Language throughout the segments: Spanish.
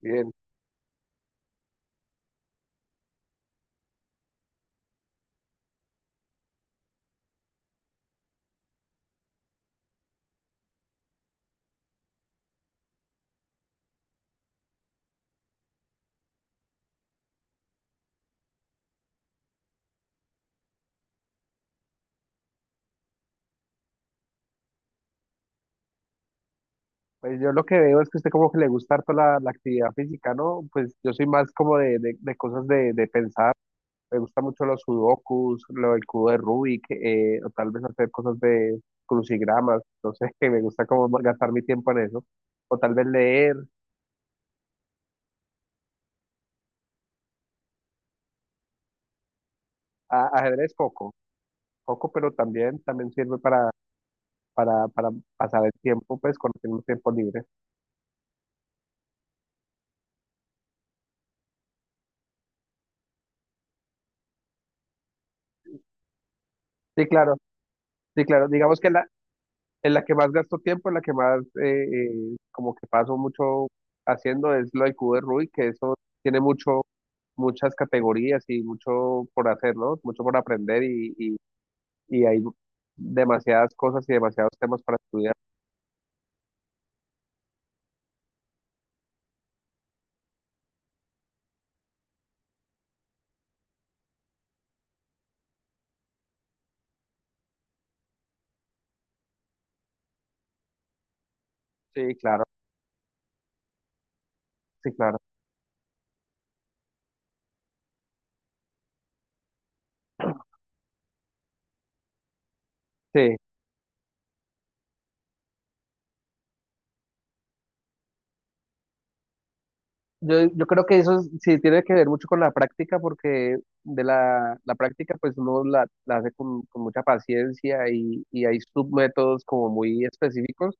Bien, pues yo lo que veo es que a usted como que le gusta harto la actividad física, ¿no? Pues yo soy más como de cosas de pensar, me gusta mucho los sudokus, lo del cubo de Rubik, o tal vez hacer cosas de crucigramas, no sé, que me gusta como gastar mi tiempo en eso, o tal vez leer. Ajedrez poco, poco, pero también sirve para pasar el tiempo, pues cuando tengo tiempo libre. Sí, claro, sí, claro, digamos que en la que más gasto tiempo, en la que más como que paso mucho haciendo es lo del cubo de Rubik, que eso tiene muchas categorías y mucho por hacer, ¿no? Mucho por aprender y hay demasiadas cosas y demasiados temas para estudiar. Sí, claro, sí, claro. Sí. Yo creo que sí tiene que ver mucho con la práctica, porque de la práctica pues uno la hace con mucha paciencia y hay submétodos como muy específicos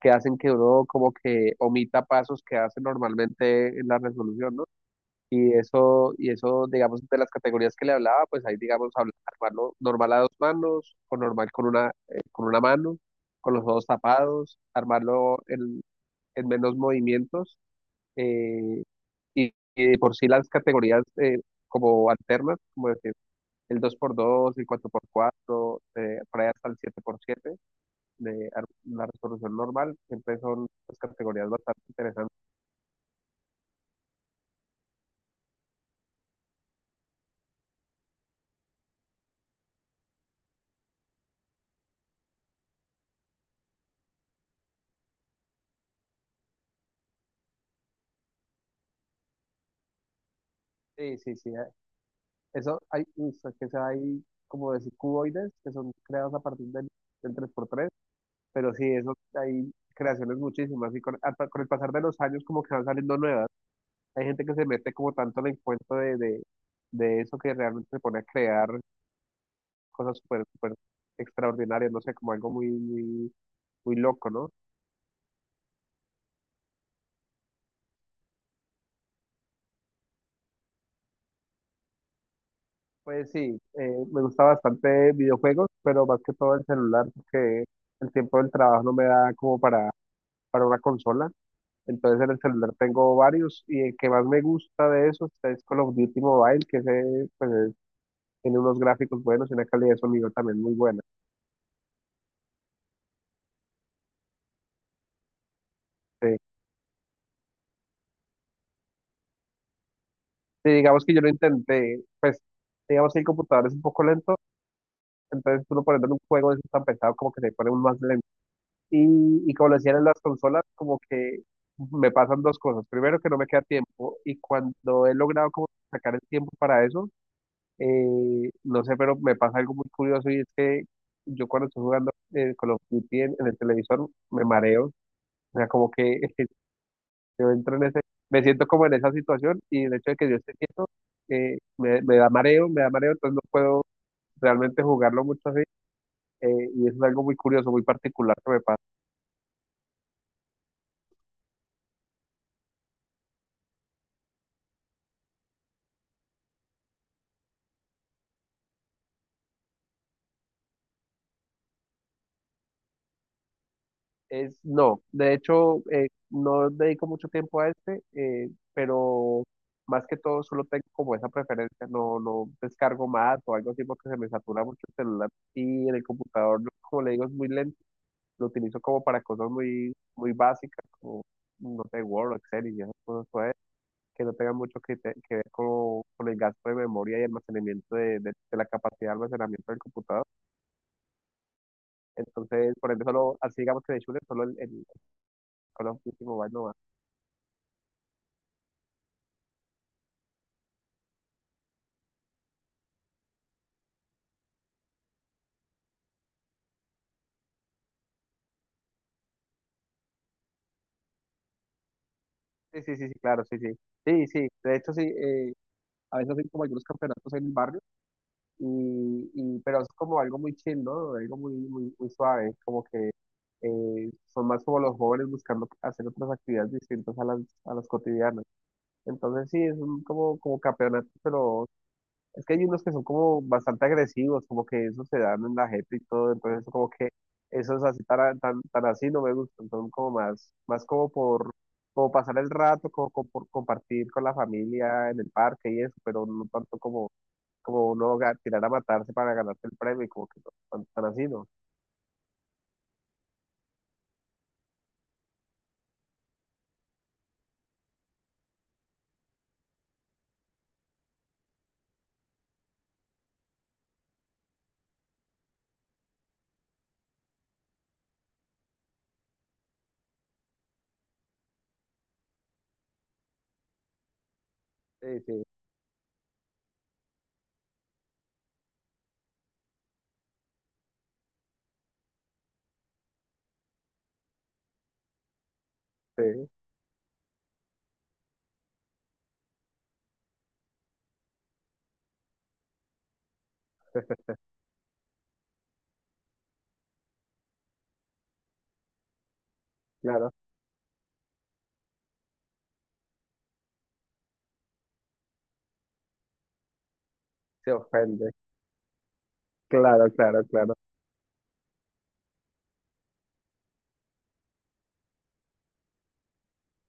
que hacen que uno como que omita pasos que hace normalmente en la resolución, ¿no? Y eso, digamos, de las categorías que le hablaba, pues ahí, digamos, armarlo normal a dos manos, o normal con con una mano, con los ojos tapados, armarlo en menos movimientos, eh, y de por sí las categorías como alternas, como decir, el dos por dos, el cuatro por cuatro, por ahí hasta el siete por siete la resolución normal, siempre son pues, categorías bastante interesantes. Sí, sí, sí. Eso hay, uy, es que se hay como decir cuboides que son creados a partir del 3x3, pero sí, eso hay creaciones muchísimas y hasta con el pasar de los años como que van saliendo nuevas. Hay gente que se mete como tanto en el cuento de eso que realmente se pone a crear cosas súper, súper extraordinarias, no sé, como algo muy, muy, muy loco, ¿no? Pues sí, me gusta bastante videojuegos, pero más que todo el celular, porque el tiempo del trabajo no me da como para una consola. Entonces en el celular tengo varios y el que más me gusta de esos es Call of Duty Mobile, que ese, pues, tiene unos gráficos buenos y una calidad de sonido también muy buena. Sí. Sí, digamos que yo lo intenté, pues digamos que el computador es un poco lento, entonces tú lo pones en un juego de esos tan pesado como que se pone un más lento. Y, y como lo decían en las consolas, como que me pasan dos cosas. Primero, que no me queda tiempo. Y cuando he logrado como sacar el tiempo para eso, no sé, pero me pasa algo muy curioso y es que yo cuando estoy jugando Call of Duty en el televisor me mareo. O sea, como que yo entro en ese, me siento como en esa situación y el hecho de que yo esté quieto me da mareo, me da mareo, entonces no puedo realmente jugarlo mucho así. Y eso es algo muy curioso, muy particular que me pasa. No, de hecho, no dedico mucho tiempo a este, pero más que todo solo tengo como esa preferencia, no, no descargo más o algo así porque se me satura mucho el celular y en el computador, como le digo, es muy lento, lo utilizo como para cosas muy, muy básicas, como, no sé, Word, Excel y esas cosas pues, que no tengan mucho que ver con el gasto de memoria y almacenamiento de la capacidad de almacenamiento del computador. Entonces, por ejemplo, solo, así digamos que de Shure, solo el Call of Duty Mobile no va. Sí, sí, sí, sí, claro, sí, sí. Sí, sí, de hecho sí, a veces hacen como algunos campeonatos en el barrio, pero es como algo muy chill, ¿no? Algo muy, muy, muy suave, como que son más como los jóvenes buscando hacer otras actividades distintas a las cotidianas. Entonces sí, es un como, como campeonato, pero es que hay unos que son como bastante agresivos, como que eso se dan en la jeta y todo, entonces como que esos así tan, tan, tan así no me gustan, son como más como por como pasar el rato, como, como por compartir con la familia en el parque y eso, pero no tanto como, como uno tirar a matarse para ganarse el premio y como que no, tan, tan así no. Sí, sí, sí, claro, se ofende. Claro, claro, claro.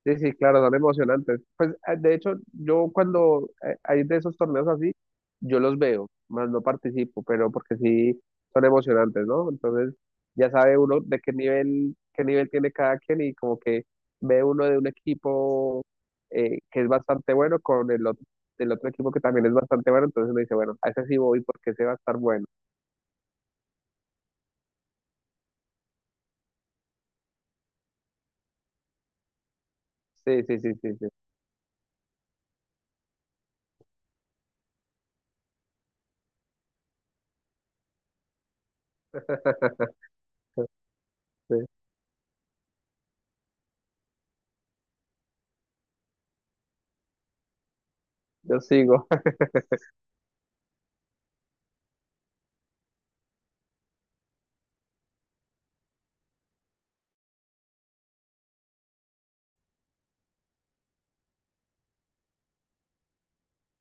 Sí, sí, claro, son emocionantes. Pues de hecho, yo cuando hay de esos torneos así, yo los veo, más no participo, pero porque sí son emocionantes, ¿no? Entonces ya sabe uno de qué nivel tiene cada quien y como que ve uno de un equipo que es bastante bueno con el otro, del otro equipo que también es bastante bueno, entonces uno dice, bueno, a ese sí voy porque ese va a estar bueno. Sí, sí, sí, sí, sí. Sí, yo sigo.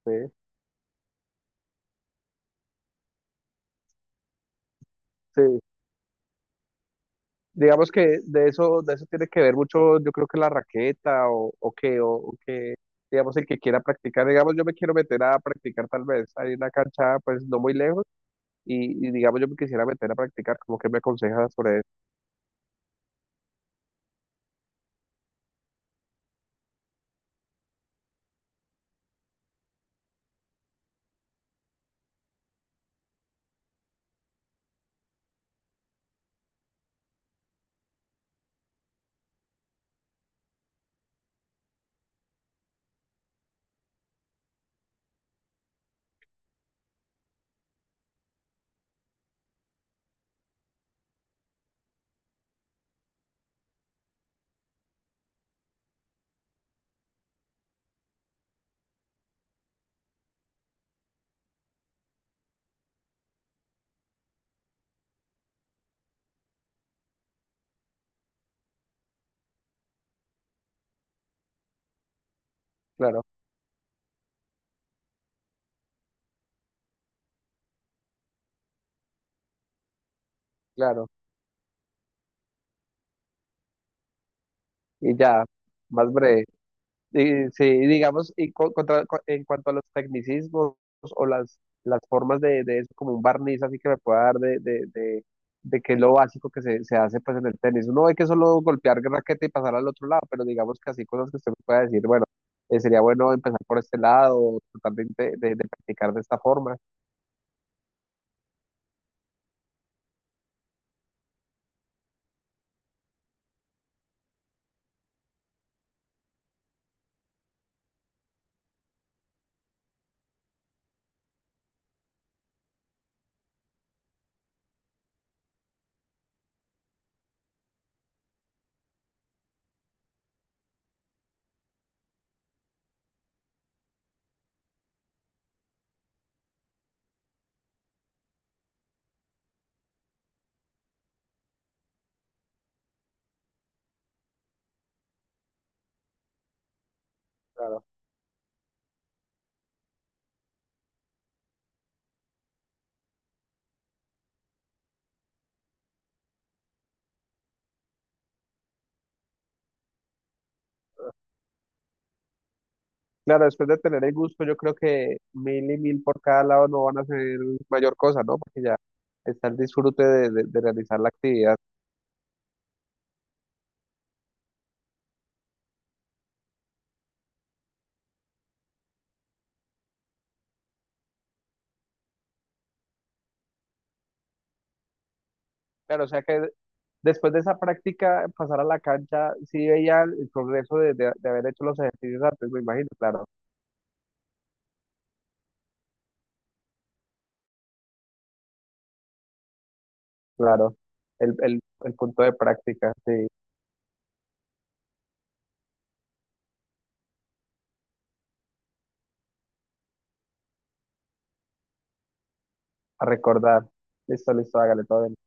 Sí, sí. Digamos que de eso tiene que ver mucho, yo creo que la raqueta o que, digamos, el que quiera practicar, digamos, yo me quiero meter a practicar tal vez, hay una cancha pues no muy lejos digamos, yo me quisiera meter a practicar, como que me aconsejas sobre eso, claro, claro, y ya, más breve. Sí, digamos, en cuanto a los tecnicismos o las formas de eso, como un barniz así que me pueda dar de que es lo básico que se hace pues en el tenis. Uno ve que es solo golpear raqueta y pasar al otro lado, pero digamos que así cosas que usted me pueda decir, bueno, sería bueno empezar por este lado, o tratar de practicar de esta forma. Claro. Claro, después de tener el gusto, yo creo que mil y mil por cada lado no van a ser mayor cosa, ¿no? Porque ya está el disfrute de realizar la actividad. Claro, o sea que después de esa práctica, pasar a la cancha, sí veía el progreso de haber hecho los ejercicios antes, me imagino, claro, claro. El punto de práctica, sí, a recordar. Listo, listo, hágale todo bien.